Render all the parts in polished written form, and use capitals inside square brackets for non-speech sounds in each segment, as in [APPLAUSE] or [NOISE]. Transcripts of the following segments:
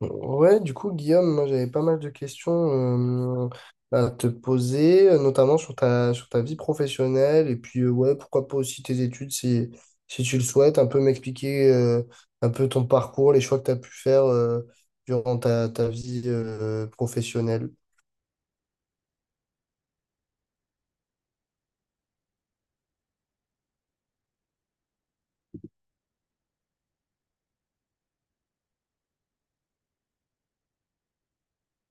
Ouais, du coup, Guillaume, moi j'avais pas mal de questions euh, à te poser, notamment sur ta vie professionnelle, et puis ouais, pourquoi pas aussi tes études si tu le souhaites, un peu m'expliquer un peu ton parcours, les choix que tu as pu faire durant ta vie professionnelle.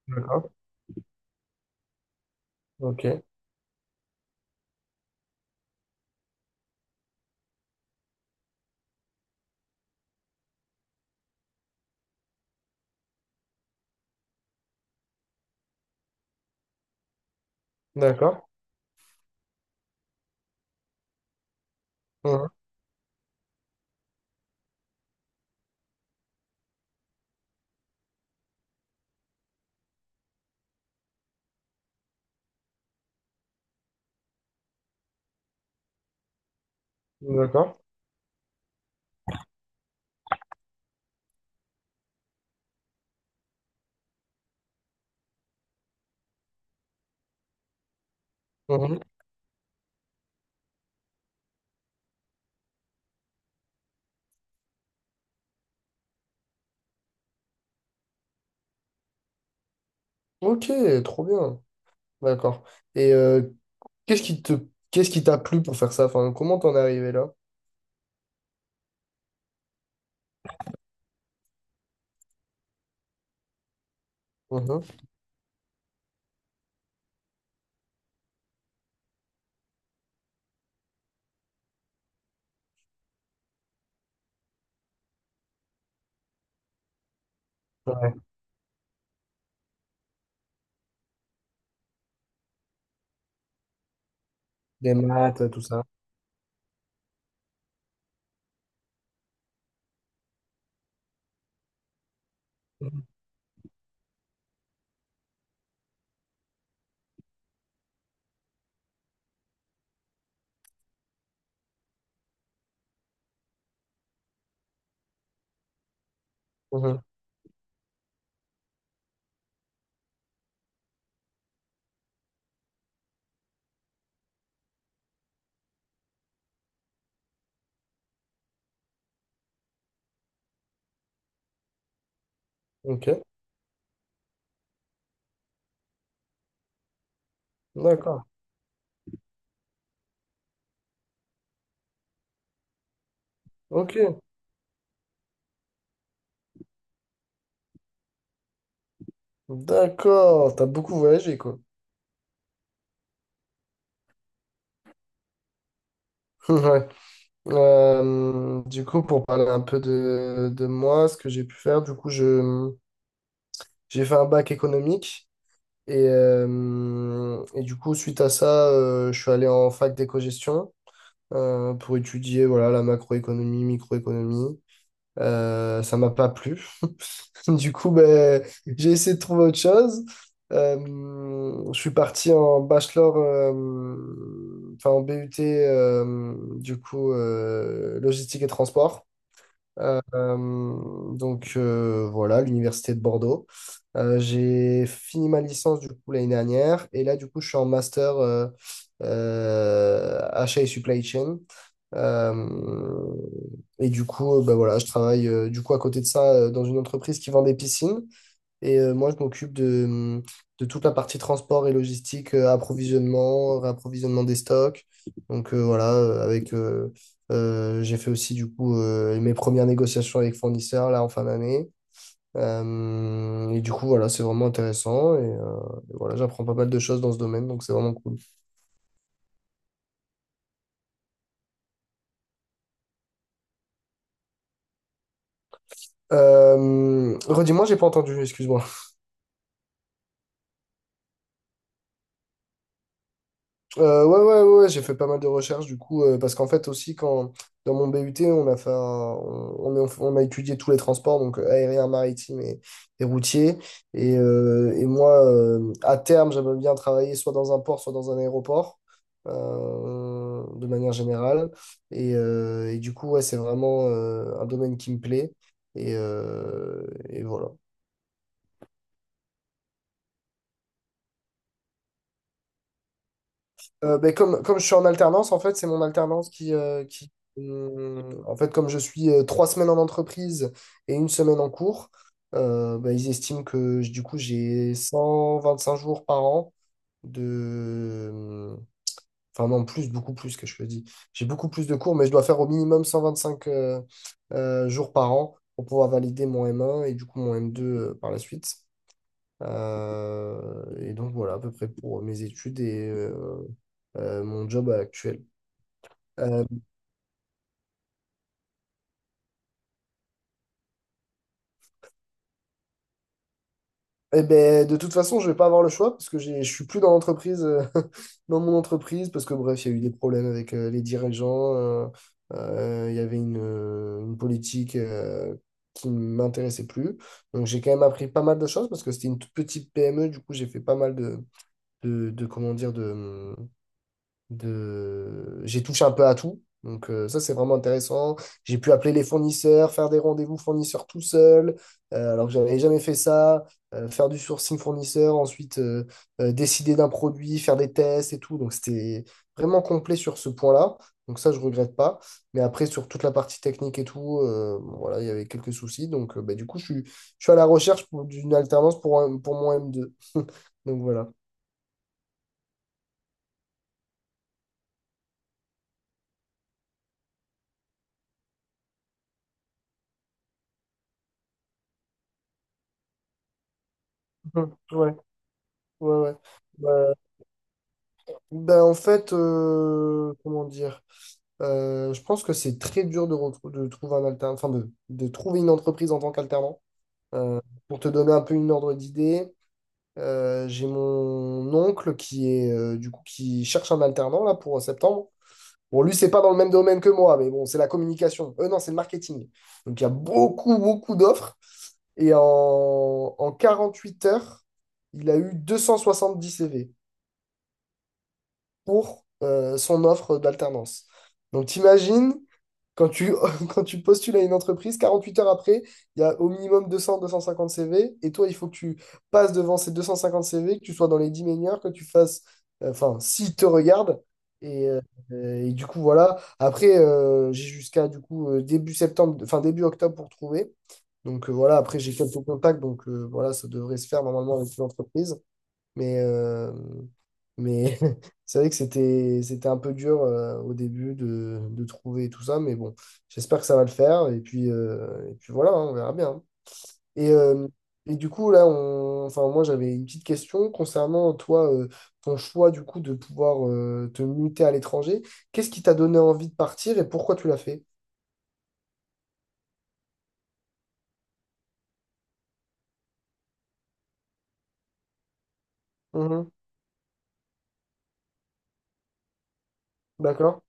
D'accord. Ok, d'accord. Mhm. D'accord. Mhm. Ok, trop bien. D'accord. Et qu'est-ce qui te, qu'est-ce qui t'a plu pour faire ça? Enfin, comment t'en es arrivé là? Mhm. Des maths, tout ça. Mhm. Mhm. Ok, d'accord. Ok, d'accord. T'as beaucoup voyagé, quoi. [LAUGHS] Ouais. Du coup, pour parler un peu de moi, ce que j'ai pu faire, du coup, j'ai fait un bac économique. Et du coup, suite à ça, je suis allé en fac d'éco-gestion pour étudier voilà, la macroéconomie, microéconomie. Ça m'a pas plu. [LAUGHS] [LAUGHS] Du coup, ben, j'ai essayé de trouver autre chose. Je suis parti en bachelor, enfin en BUT, du coup, logistique et transport. Euh, euh, donc voilà, l'université de Bordeaux. J'ai fini ma licence du coup l'année dernière et là du coup je suis en master achat et supply chain. Euh, et du coup, bah voilà, je travaille du coup à côté de ça dans une entreprise qui vend des piscines. Et moi, je m'occupe de toute la partie transport et logistique, approvisionnement, réapprovisionnement des stocks. Donc voilà, avec j'ai fait aussi du coup mes premières négociations avec fournisseurs là en fin d'année. Et du coup, voilà, c'est vraiment intéressant. Et voilà, j'apprends pas mal de choses dans ce domaine, donc c'est vraiment cool. Redis-moi, j'ai pas entendu, excuse-moi. Ouais, ouais, ouais, ouais, j'ai fait pas mal de recherches du coup, parce qu'en fait aussi, quand dans mon BUT, on a fait un- on a étudié tous les transports, donc aérien, maritime et routier. Et moi, à terme, j'aimerais bien travailler soit dans un port, soit dans un aéroport, de manière générale. Et du coup, ouais, c'est vraiment un domaine qui me plaît. Et voilà. Ben, comme je suis en alternance, en fait, c'est mon alternance qui en fait, comme je suis 3 semaines en entreprise et une semaine en cours, ben, ils estiment du coup, j'ai 125 jours par an de... Enfin non, plus, beaucoup plus que je le dis. J'ai beaucoup plus de cours, mais je dois faire au minimum 125 jours par an pour pouvoir valider mon M1 et du coup mon M2 par la suite. Et donc voilà, à peu près pour mes études et mon job actuel. Euh, eh ben, de toute façon, je vais pas avoir le choix parce que je suis plus dans l'entreprise, [LAUGHS] dans mon entreprise, parce que bref, il y a eu des problèmes avec les dirigeants. Il y avait une politique qui ne m'intéressait plus. Donc j'ai quand même appris pas mal de choses parce que c'était une toute petite PME. Du coup, j'ai fait pas mal de, comment dire, de... J'ai touché un peu à tout. Donc ça, c'est vraiment intéressant. J'ai pu appeler les fournisseurs, faire des rendez-vous fournisseurs tout seul, alors que j'avais jamais fait ça, faire du sourcing fournisseur, ensuite décider d'un produit, faire des tests et tout. Donc c'était vraiment complet sur ce point-là. Donc ça, je regrette pas. Mais après, sur toute la partie technique et tout, bon, voilà, il y avait quelques soucis. Donc bah, du coup, je suis à la recherche d'une alternance pour mon M2 [LAUGHS] Donc voilà. [LAUGHS] Ouais, ouais, ouais. Ouais, ben, en fait, comment dire, je pense que c'est très dur de trouver un alternant, enfin de trouver une entreprise en tant qu'alternant. Euh, pour te donner un peu une ordre d'idée, j'ai mon oncle qui est du coup qui cherche un alternant là pour septembre. Bon, lui, c'est pas dans le même domaine que moi, mais bon, c'est la communication. Non, c'est le marketing. Donc il y a beaucoup, beaucoup d'offres. Et en 48 heures, il a eu 270 CV pour son offre d'alternance. Donc, t'imagines, quand tu, [LAUGHS] quand tu postules à une entreprise, 48 heures après, il y a au minimum 200-250 CV, et toi, il faut que tu passes devant ces 250 CV, que tu sois dans les 10 meilleurs, que tu fasses, enfin, s'ils te regardent. Et, euh, et du coup, voilà. Après, j'ai jusqu'à du coup début septembre, enfin début octobre pour trouver. Donc voilà, après j'ai quelques contacts, donc voilà, ça devrait se faire normalement avec l'entreprise. Mais, euh, mais [LAUGHS] c'est vrai que c'était un peu dur au début de trouver tout ça. Mais bon, j'espère que ça va le faire. Et puis voilà, hein, on verra bien. Et, euh, et du coup, là, enfin, moi, j'avais une petite question concernant toi, ton choix du coup de pouvoir te muter à l'étranger. Qu'est-ce qui t'a donné envie de partir et pourquoi tu l'as fait? Mhm. D'accord.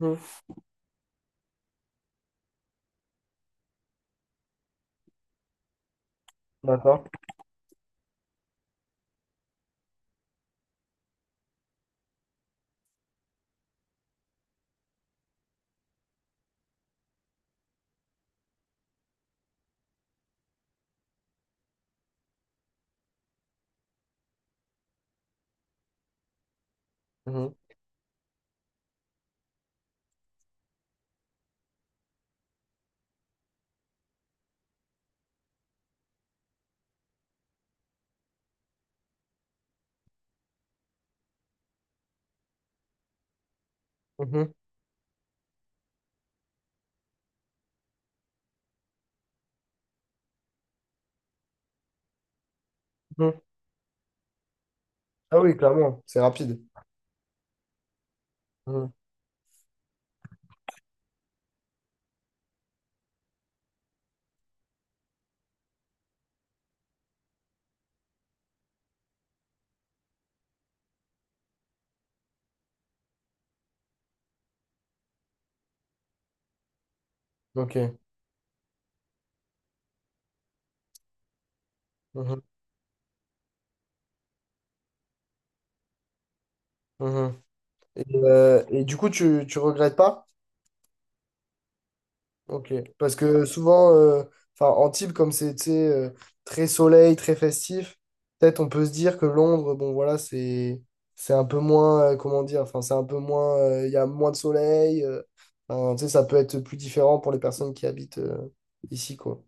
Mhm. D'accord. Mhm. Mhm. Mhm. Ah oui, clairement, c'est rapide. Mhm. Ok. Mhm. Mhm. Et du coup, tu regrettes pas? Ok. Parce que souvent, enfin, Antibes, comme c'est tu sais, très soleil, très festif, peut-être on peut se dire que Londres, bon voilà, c'est un peu moins, comment dire, enfin, c'est un peu moins, il y a moins de soleil. Enfin, tu sais, ça peut être plus différent pour les personnes qui habitent ici, quoi.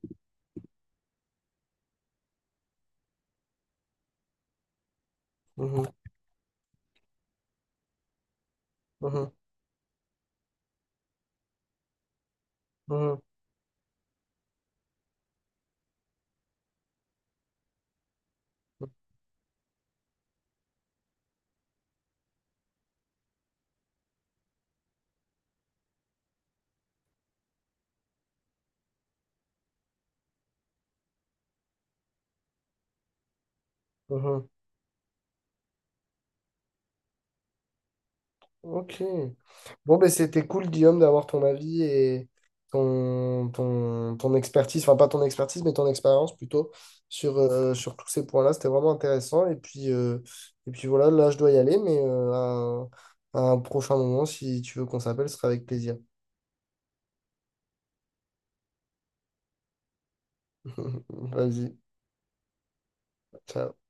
Mhm, mhm, mhm, mhm. Ok. Bon, ben c'était cool, Guillaume, d'avoir ton avis et ton expertise, enfin pas ton expertise, mais ton expérience plutôt sur tous ces points-là. C'était vraiment intéressant. Et puis voilà, là, je dois y aller, mais à un prochain moment, si tu veux qu'on s'appelle, ce sera avec plaisir. [LAUGHS] Vas-y, ciao.